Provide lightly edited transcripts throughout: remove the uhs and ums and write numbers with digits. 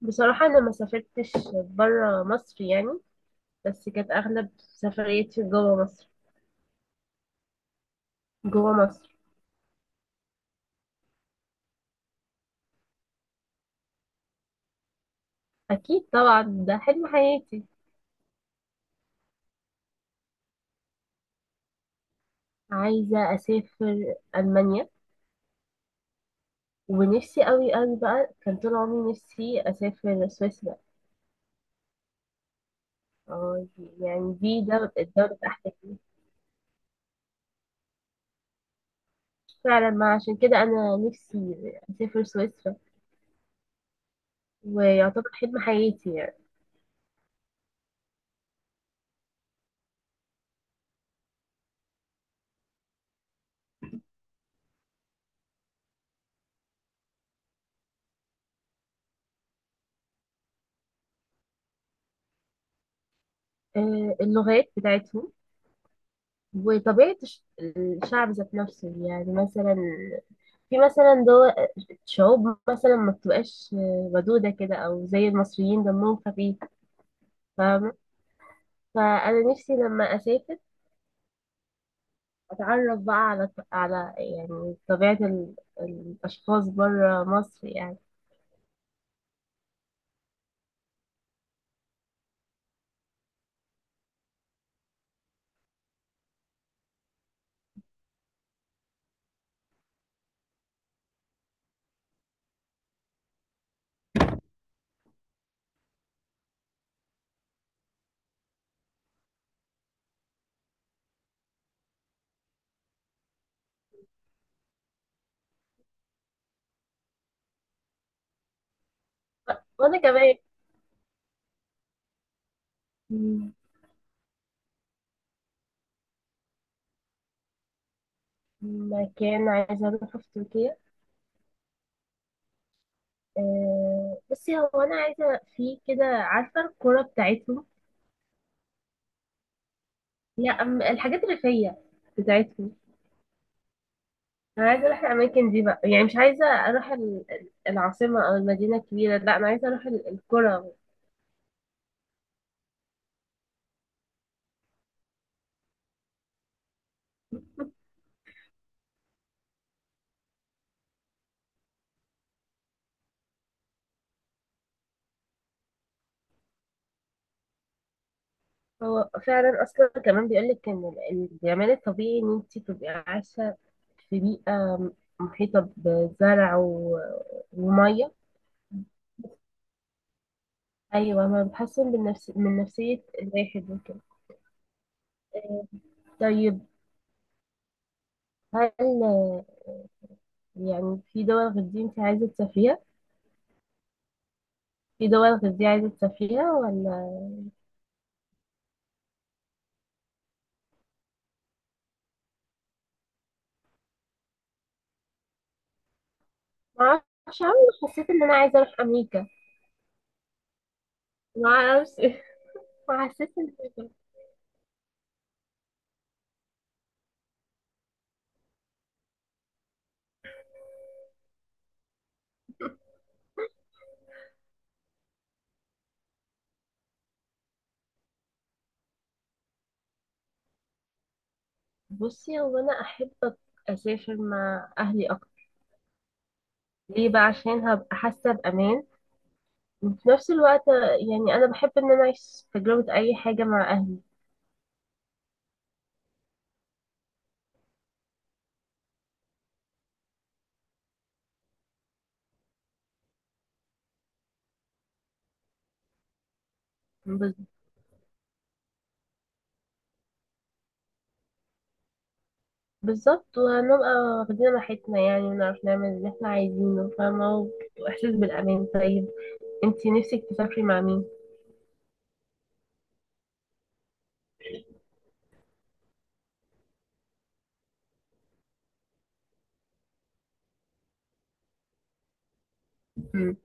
بصراحة أنا ما سافرتش برا مصر يعني، بس كانت أغلب سفرياتي جوا مصر. جوا مصر أكيد طبعا، ده حلم حياتي. عايزة أسافر ألمانيا، ونفسي أوي أوي بقى، كان طول عمري نفسي أسافر سويسرا. اه، يعني دي دولة، دولة أحلامي. فعلا، ما عشان كده أنا نفسي أسافر سويسرا، ويعتبر حلم حياتي يعني. اللغات بتاعتهم، وطبيعة الشعب ذات نفسه. يعني مثلا في مثلا دول، شعوب مثلا ما بتبقاش ودودة كده، أو زي المصريين دمهم خفيف، فاهمة؟ فأنا نفسي لما أسافر أتعرف بقى على يعني طبيعة الأشخاص بره مصر يعني. وأنا كمان. مكان عايزة أروحه في تركيا. بصي، هو أنا عايزة في كده، عارفة الكرة بتاعتهم؟ لا، الحاجات الريفية بتاعتهم. انا عايزه اروح الاماكن دي بقى، يعني مش عايزه اروح العاصمه او المدينه الكبيره، لا انا عايزه اروح القرى. هو فعلا اصلا كمان بيقول لك ان الجمال الطبيعي، ان انت تبقي عايشه في بيئه محيطه بزرع وميه. ايوه، ما بتحسن من نفسيه الواحد وكده. آه، طيب هل آه، يعني في دول غير دي انت عايزه تسافريها؟ في دول غير دي عايزه تسافريها ولا؟ معرفش، عمري ما اعرفش أوي، حسيت ان انا عايزه اروح امريكا. ما اعرفش. مع أساس إن- بصي، هو أنا أحب أسافر مع أهلي أكتر. ليه بقى؟ عشان هبقى حاسة بأمان، وفي نفس الوقت يعني أنا بحب إن أنا أعيش تجربة أي حاجة مع أهلي. بز- بالظبط، وهنبقى واخدين راحتنا يعني، ونعرف نعمل اللي احنا عايزينه، فاهمة؟ وإحساس بالأمان. طيب انتي نفسك تسافري مع مين؟ مم.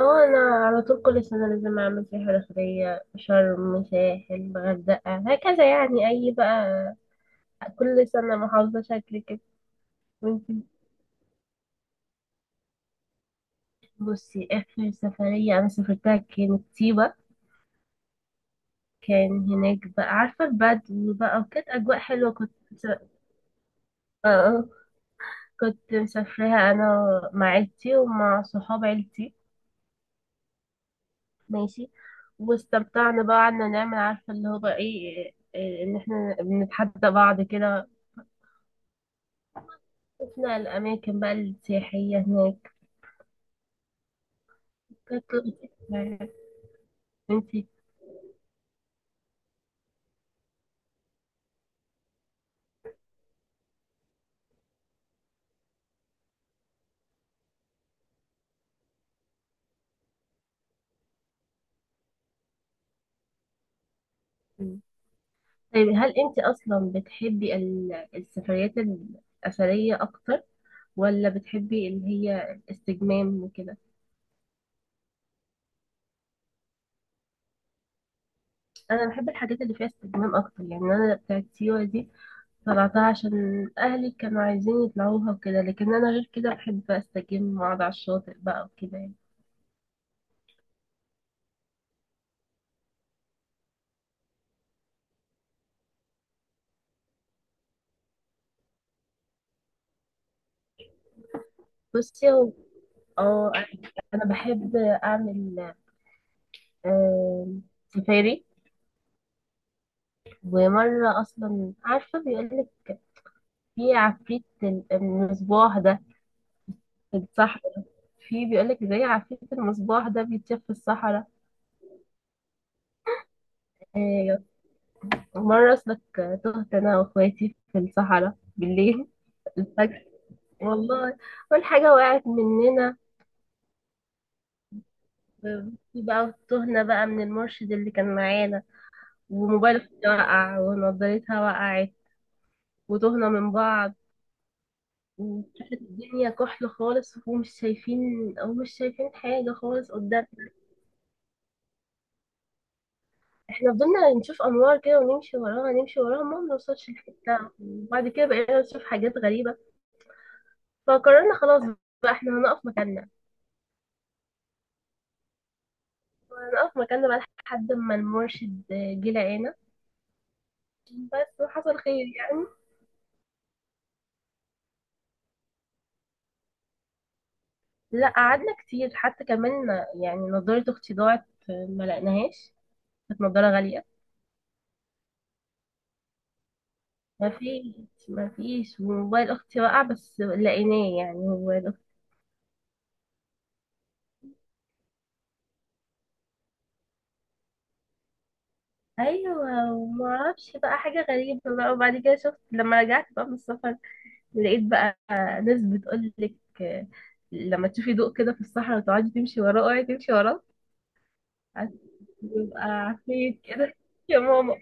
اه أنا على طول كل سنة لازم أعمل سياحة داخلية، شرم، ساحل، غردقة، هكذا يعني. أي بقى كل سنة محافظة شكل كده. ممكن. بصي آخر سفرية أنا سافرتها كانت سيوة. كان هناك بقى، عارفة البدو بقى، وكانت أجواء حلوة. كنت، آه. آه. كنت مسافراها أنا مع عيلتي ومع صحاب عيلتي. ماشي. واستمتعنا بقى، قعدنا نعمل عارفة اللي هو بقى إيه إيه، إن إحنا بنتحدى بعض كده. شفنا الأماكن بقى السياحية هناك. كانت لطيفة يعني. انتي طيب، هل انت اصلا بتحبي السفريات الاثريه اكتر، ولا بتحبي اللي هي الاستجمام وكده؟ انا بحب الحاجات اللي فيها استجمام اكتر يعني. انا بتاعت سيوه دي طلعتها عشان اهلي كانوا عايزين يطلعوها وكده، لكن انا غير كده بحب استجم واقعد على الشاطئ بقى وكده يعني. بصي هو- اه، انا بحب اعمل آه، سفاري. ومره اصلا عارفه، بيقولك في عفريت المصباح ده، صح؟ في بيقولك زي عفريت المصباح ده بيتشاف في الصحراء. آه، مرة أصلك تهت أنا وأخواتي في الصحراء بالليل. الفجر، والله. أول حاجة وقعت مننا، في بقى تهنا بقى من المرشد اللي كان معانا، وموبايل أختي وقع، ونضارتها وقعت، وتهنا من بعض. وكانت الدنيا كحل خالص ومش شايفين، أو مش شايفين حاجة خالص قدام. احنا فضلنا نشوف انوار كده ونمشي وراها، نمشي وراها، ما بنوصلش لحتة. وبعد كده بقينا نشوف حاجات غريبة. فقررنا خلاص بقى احنا هنقف مكاننا. هنقف مكاننا بقى لحد ما المرشد جه لقانا. بس وحصل خير يعني. لا قعدنا كتير حتى كمان. يعني نضارة اختي ضاعت، ما لقناهاش، كانت نضارة غالية. ما فيش. ما فيش، وموبايل اختي وقع بس لقيناه يعني، موبايل اختي. ايوه، وما اعرفش بقى، حاجه غريبه بقى. وبعد كده شفت لما رجعت بقى من السفر، لقيت بقى ناس بتقول لك لما تشوفي ضوء كده في الصحراء وتقعدي تمشي وراه، اوعي تمشي وراه، بيبقى عفيف كده. يا ماما.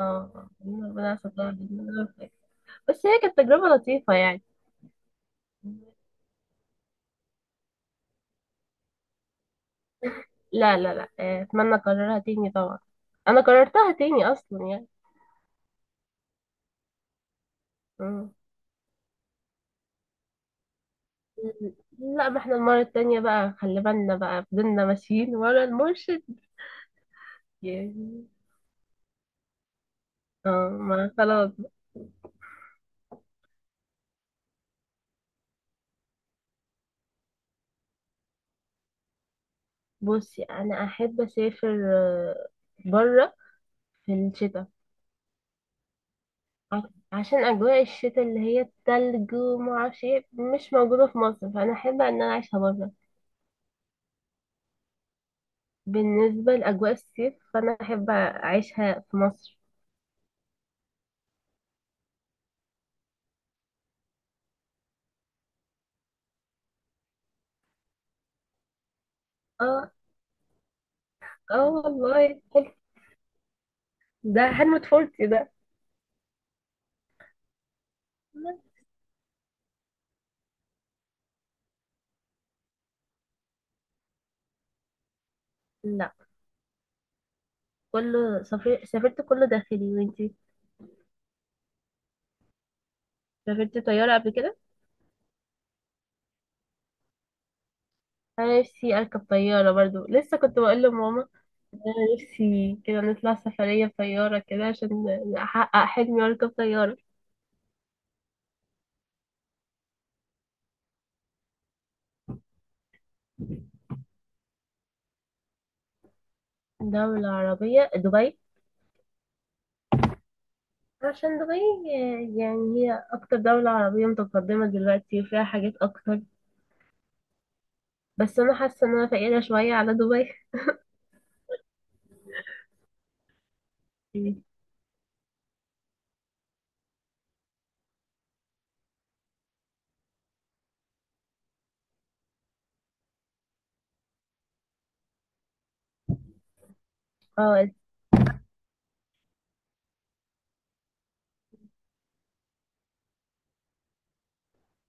اه، ربنا ستار. بس هي كانت تجربة لطيفة يعني. لا، اتمنى اكررها تاني طبعا، انا كررتها تاني اصلا يعني. مم. لا ما احنا المرة التانية بقى خلي بالنا بقى، فضلنا ماشيين ورا المرشد يعني. اه ما خلاص. بصي انا احب اسافر، بره، في الشتاء. ع- عشان اجواء الشتاء اللي هي التلج وما اعرفش ايه، مش موجوده في مصر، فانا احب ان انا اعيشها بره. بالنسبه لاجواء الصيف فانا احب اعيشها في مصر. اه. اه والله حلو. ده حلم طفولتي ده. لا، سافرت كله داخلي. وانتي سافرت طياره قبل كده؟ انا نفسي اركب طياره برضو، لسه كنت بقول لماما انا نفسي كده نطلع سفرية بطيارة كده، عشان احقق حلمي واركب طيارة. دولة عربية، دبي. عشان دبي يعني هي اكتر دولة عربية متقدمة دلوقتي، وفيها حاجات اكتر. بس انا حاسة ان انا فقيرة شوية على دبي. اه،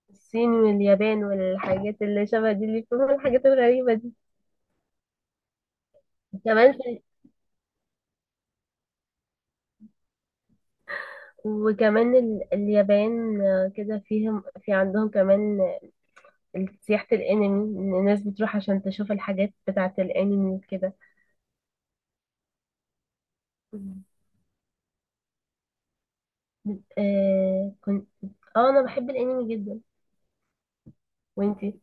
الصين واليابان والحاجات اللي شبه دي، اللي فيهم الحاجات الغريبة دي. كمان في، وكمان اليابان، كده فيهم، في عندهم كمان سياحة الانمي، ان الناس بتروح عشان تشوف الحاجات بتاعة الانمي وكده. مم. آه كنت، اه انا بحب الانمي جدا. وانتي؟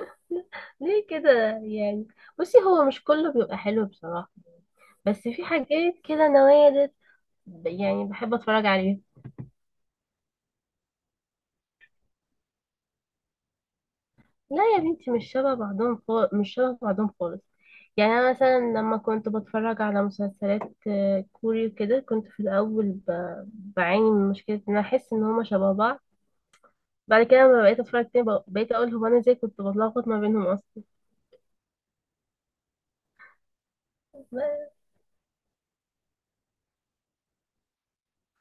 ليه كده يعني؟ بصي هو مش كله بيبقى حلو بصراحة، بس في حاجات كده نوادر يعني بحب اتفرج عليها. لا يا بنتي، مش شبه بعضهم خالص، مش شبه بعضهم خالص. يعني انا مثلا لما كنت بتفرج على مسلسلات كوري وكده، كنت في الاول ب-، بعاني من مشكلة ان أنا احس ان هما شبه بعض. بعد كده لما بقيت اتفرج تاني، بقيت اقول هو انا ازاي كنت بتلخبط ما بينهم اصلا. لا،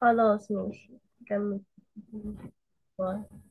خلاص ماشي. كمل. باي.